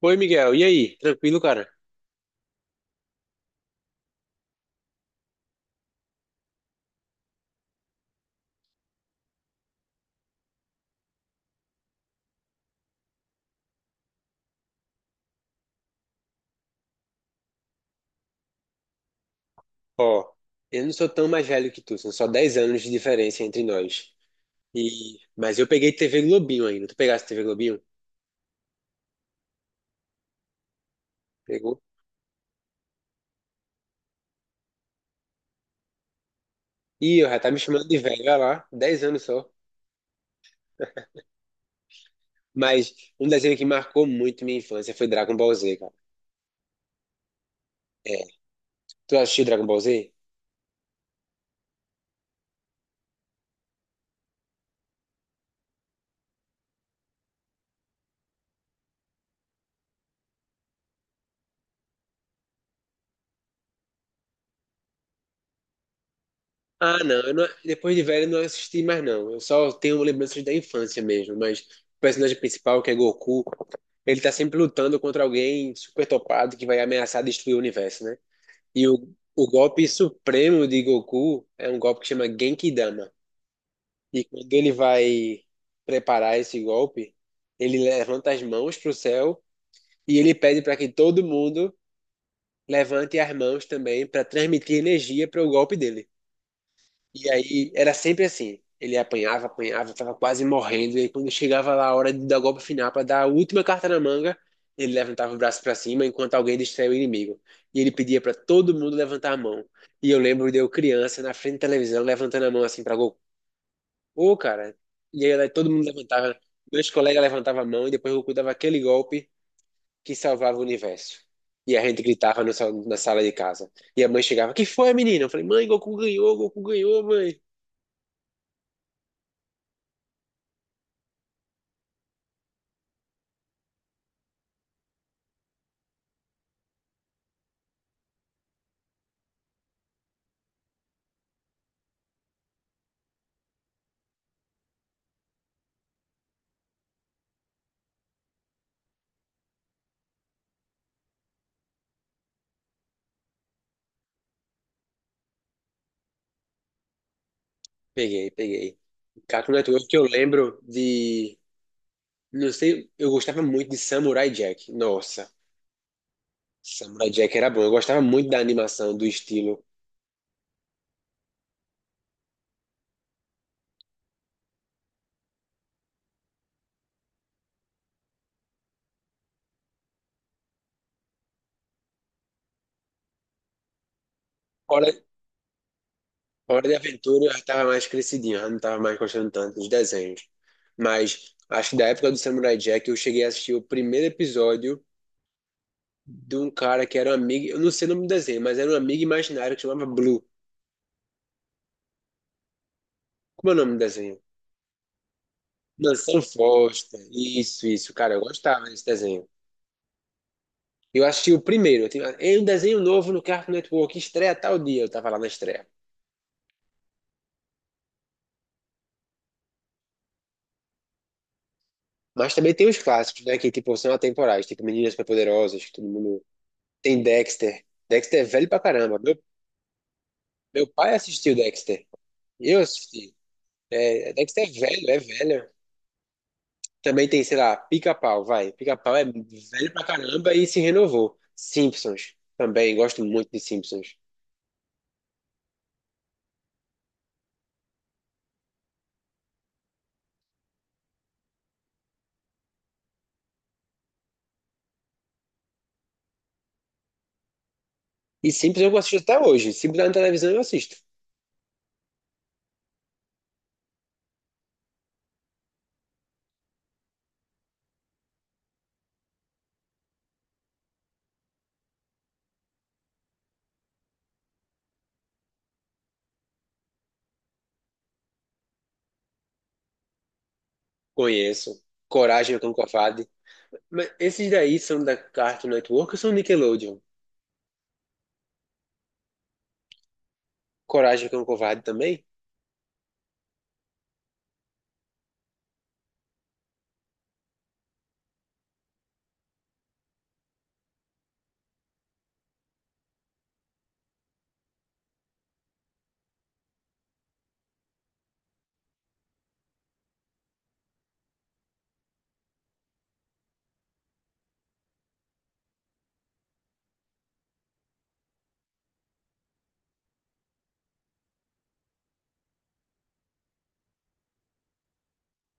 Oi, Miguel. E aí? Tranquilo, cara? Ó, eu não sou tão mais velho que tu, são só 10 anos de diferença entre nós. Mas eu peguei TV Globinho ainda. Tu pegaste TV Globinho? Pegou? Ih, eu já tá me chamando de velho, olha lá, 10 anos só. Mas um desenho que marcou muito minha infância foi Dragon Ball Z, cara. É. Tu assistiu Dragon Ball Z? Ah, não, eu não- depois de velho eu não assisti mais não. Eu só tenho lembranças da infância mesmo, mas o personagem principal, que é Goku, ele tá sempre lutando contra alguém super topado que vai ameaçar destruir o universo, né? E o golpe supremo de Goku é um golpe que chama Genki Dama. E quando ele vai preparar esse golpe, ele levanta as mãos para o céu e ele pede para que todo mundo levante as mãos também para transmitir energia para o golpe dele. E aí era sempre assim. Ele apanhava, apanhava, tava quase morrendo. E aí, quando chegava lá a hora de dar o golpe final para dar a última carta na manga, ele levantava o braço para cima enquanto alguém distraía o inimigo. E ele pedia para todo mundo levantar a mão. E eu lembro de eu criança na frente da televisão levantando a mão assim para Goku. Ô, cara. E aí todo mundo levantava. Meus colegas levantavam a mão e depois o Goku dava aquele golpe que salvava o universo. E a gente gritava no sal- na sala de casa. E a mãe chegava: Que foi, menina? Eu falei: Mãe, Goku ganhou, mãe. Peguei, peguei. Cartoon Network que eu lembro de. Não sei, eu gostava muito de Samurai Jack. Nossa, Samurai Jack era bom. Eu gostava muito da animação, do estilo. Hora, Hora de Aventura eu já tava mais crescidinho, já não tava mais gostando tanto dos desenhos. Mas acho que da época do Samurai Jack eu cheguei a assistir o primeiro episódio de um cara que era um amigo. Eu não sei o nome do desenho, mas era um amigo imaginário que chamava Blue. Como é o nome do desenho? Mansão Foster. Isso, cara, eu gostava desse desenho. Eu assisti o primeiro. "Ei, um desenho novo no Cartoon Network, estreia tal dia. Eu tava lá na estreia. Mas também tem os clássicos, né? Que, tipo, são atemporais. Tipo, Meninas Superpoderosas, que todo mundo... Tem Dexter. Dexter é velho pra caramba. Meu pai assistiu Dexter. Eu assisti. É, Dexter é velho, é velho. Também tem, sei lá, Pica-Pau, vai. Pica-Pau é velho pra caramba e se renovou. Simpsons. Também, gosto muito de Simpsons. E Simpsons eu assisto até hoje. Se botar na televisão, eu assisto. Conheço. Coragem, o Cão Covarde. Mas esses daí são da Cartoon Network ou são Nickelodeon? Coragem que é um covarde também?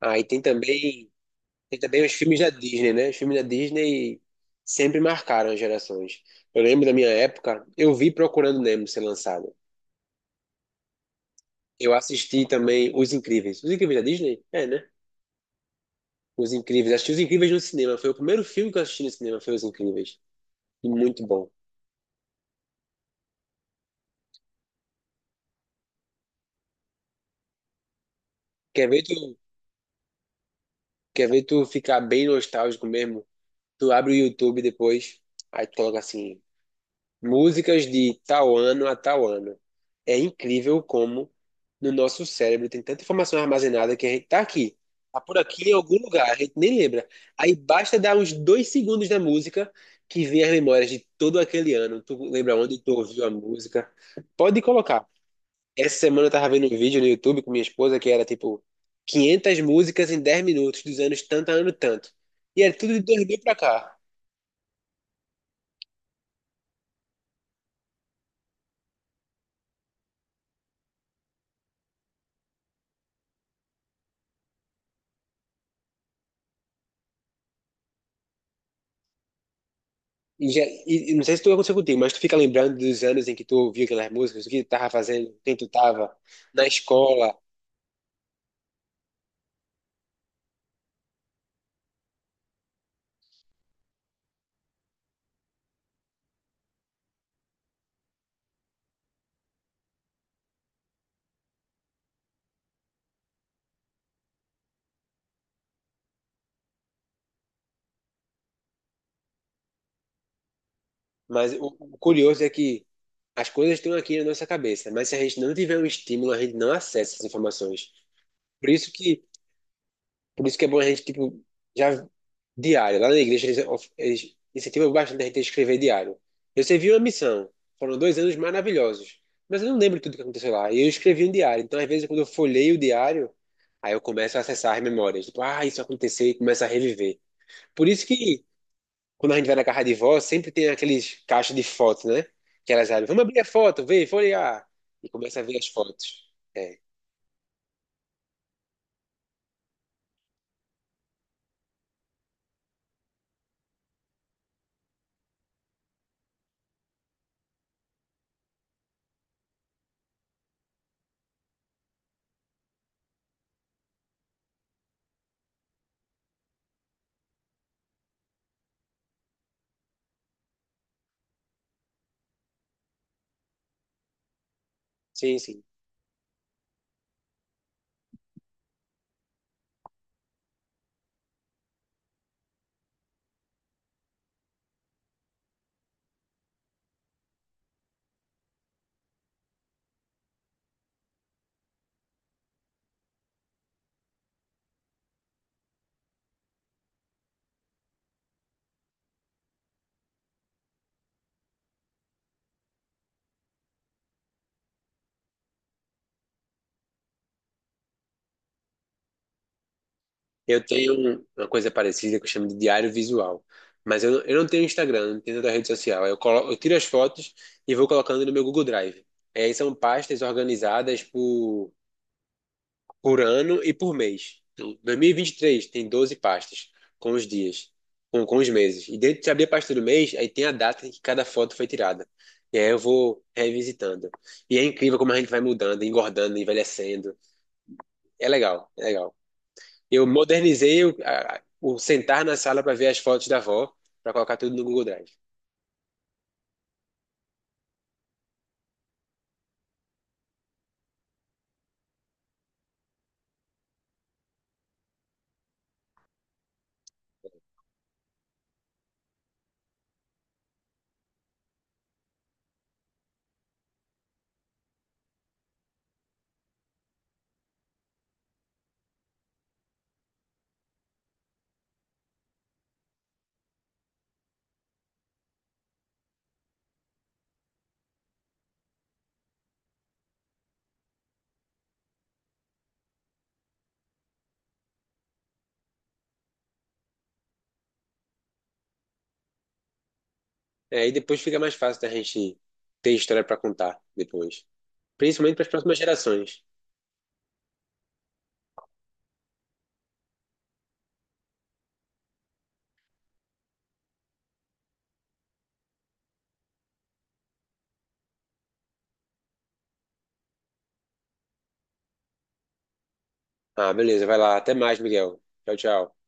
Ah, e tem também os filmes da Disney, né? Os filmes da Disney sempre marcaram as gerações. Eu lembro da minha época, eu vi Procurando Nemo ser lançado. Eu assisti também Os Incríveis. Os Incríveis da Disney? É, né? Os Incríveis. Assisti Os Incríveis no cinema. Foi o primeiro filme que eu assisti no cinema, foi Os Incríveis. E muito bom. Quer ver tu, quer ver tu ficar bem nostálgico mesmo? Tu abre o YouTube depois, aí tu coloca assim. Músicas de tal ano a tal ano. É incrível como no nosso cérebro tem tanta informação armazenada que a gente tá aqui, tá por aqui em algum lugar, a gente nem lembra. Aí basta dar uns 2 segundos da música que vem as memórias de todo aquele ano. Tu lembra onde tu ouviu a música? Pode colocar. Essa semana eu tava vendo um vídeo no YouTube com minha esposa que era tipo 500 músicas em 10 minutos, dos anos tanto a ano tanto. E era tudo de 2000 pra cá. E, já, e não sei se tu aconteceu contigo, mas tu fica lembrando dos anos em que tu ouvia aquelas músicas, o que tu tava fazendo, quem tu tava, na escola. Mas o curioso é que as coisas estão aqui na nossa cabeça, mas se a gente não tiver um estímulo, a gente não acessa essas informações. Por isso que Por isso que é bom a gente, tipo, já diário. Lá na igreja eles incentivam bastante a gente a escrever diário. Eu servi uma missão. Foram 2 anos maravilhosos. Mas eu não lembro tudo que aconteceu lá. E eu escrevi um diário. Então, às vezes, quando eu folheio o diário, aí eu começo a acessar as memórias. Tipo, ah, isso aconteceu e começo a reviver. Por isso que, quando a gente vai na casa de vó, sempre tem aqueles caixas de fotos, né? Que elas abrem. Vamos abrir a foto, ver, folhear. E começa a ver as fotos. É. Sim, sim. Eu tenho uma coisa parecida que eu chamo de diário visual. Mas eu não tenho Instagram, não tenho outra rede social. Eu tiro as fotos e vou colocando no meu Google Drive. É, e são pastas organizadas por ano e por mês. Então, 2023 tem 12 pastas com os dias, com os meses. E dentro de abrir a pasta do mês, aí tem a data em que cada foto foi tirada. E aí eu vou revisitando. E é incrível como a gente vai mudando, engordando, envelhecendo. É legal, é legal. Eu modernizei o sentar na sala para ver as fotos da avó, para colocar tudo no Google Drive. É, e depois fica mais fácil da gente ter história para contar depois. Principalmente para as próximas gerações. Ah, beleza, vai lá. Até mais, Miguel. Tchau, tchau.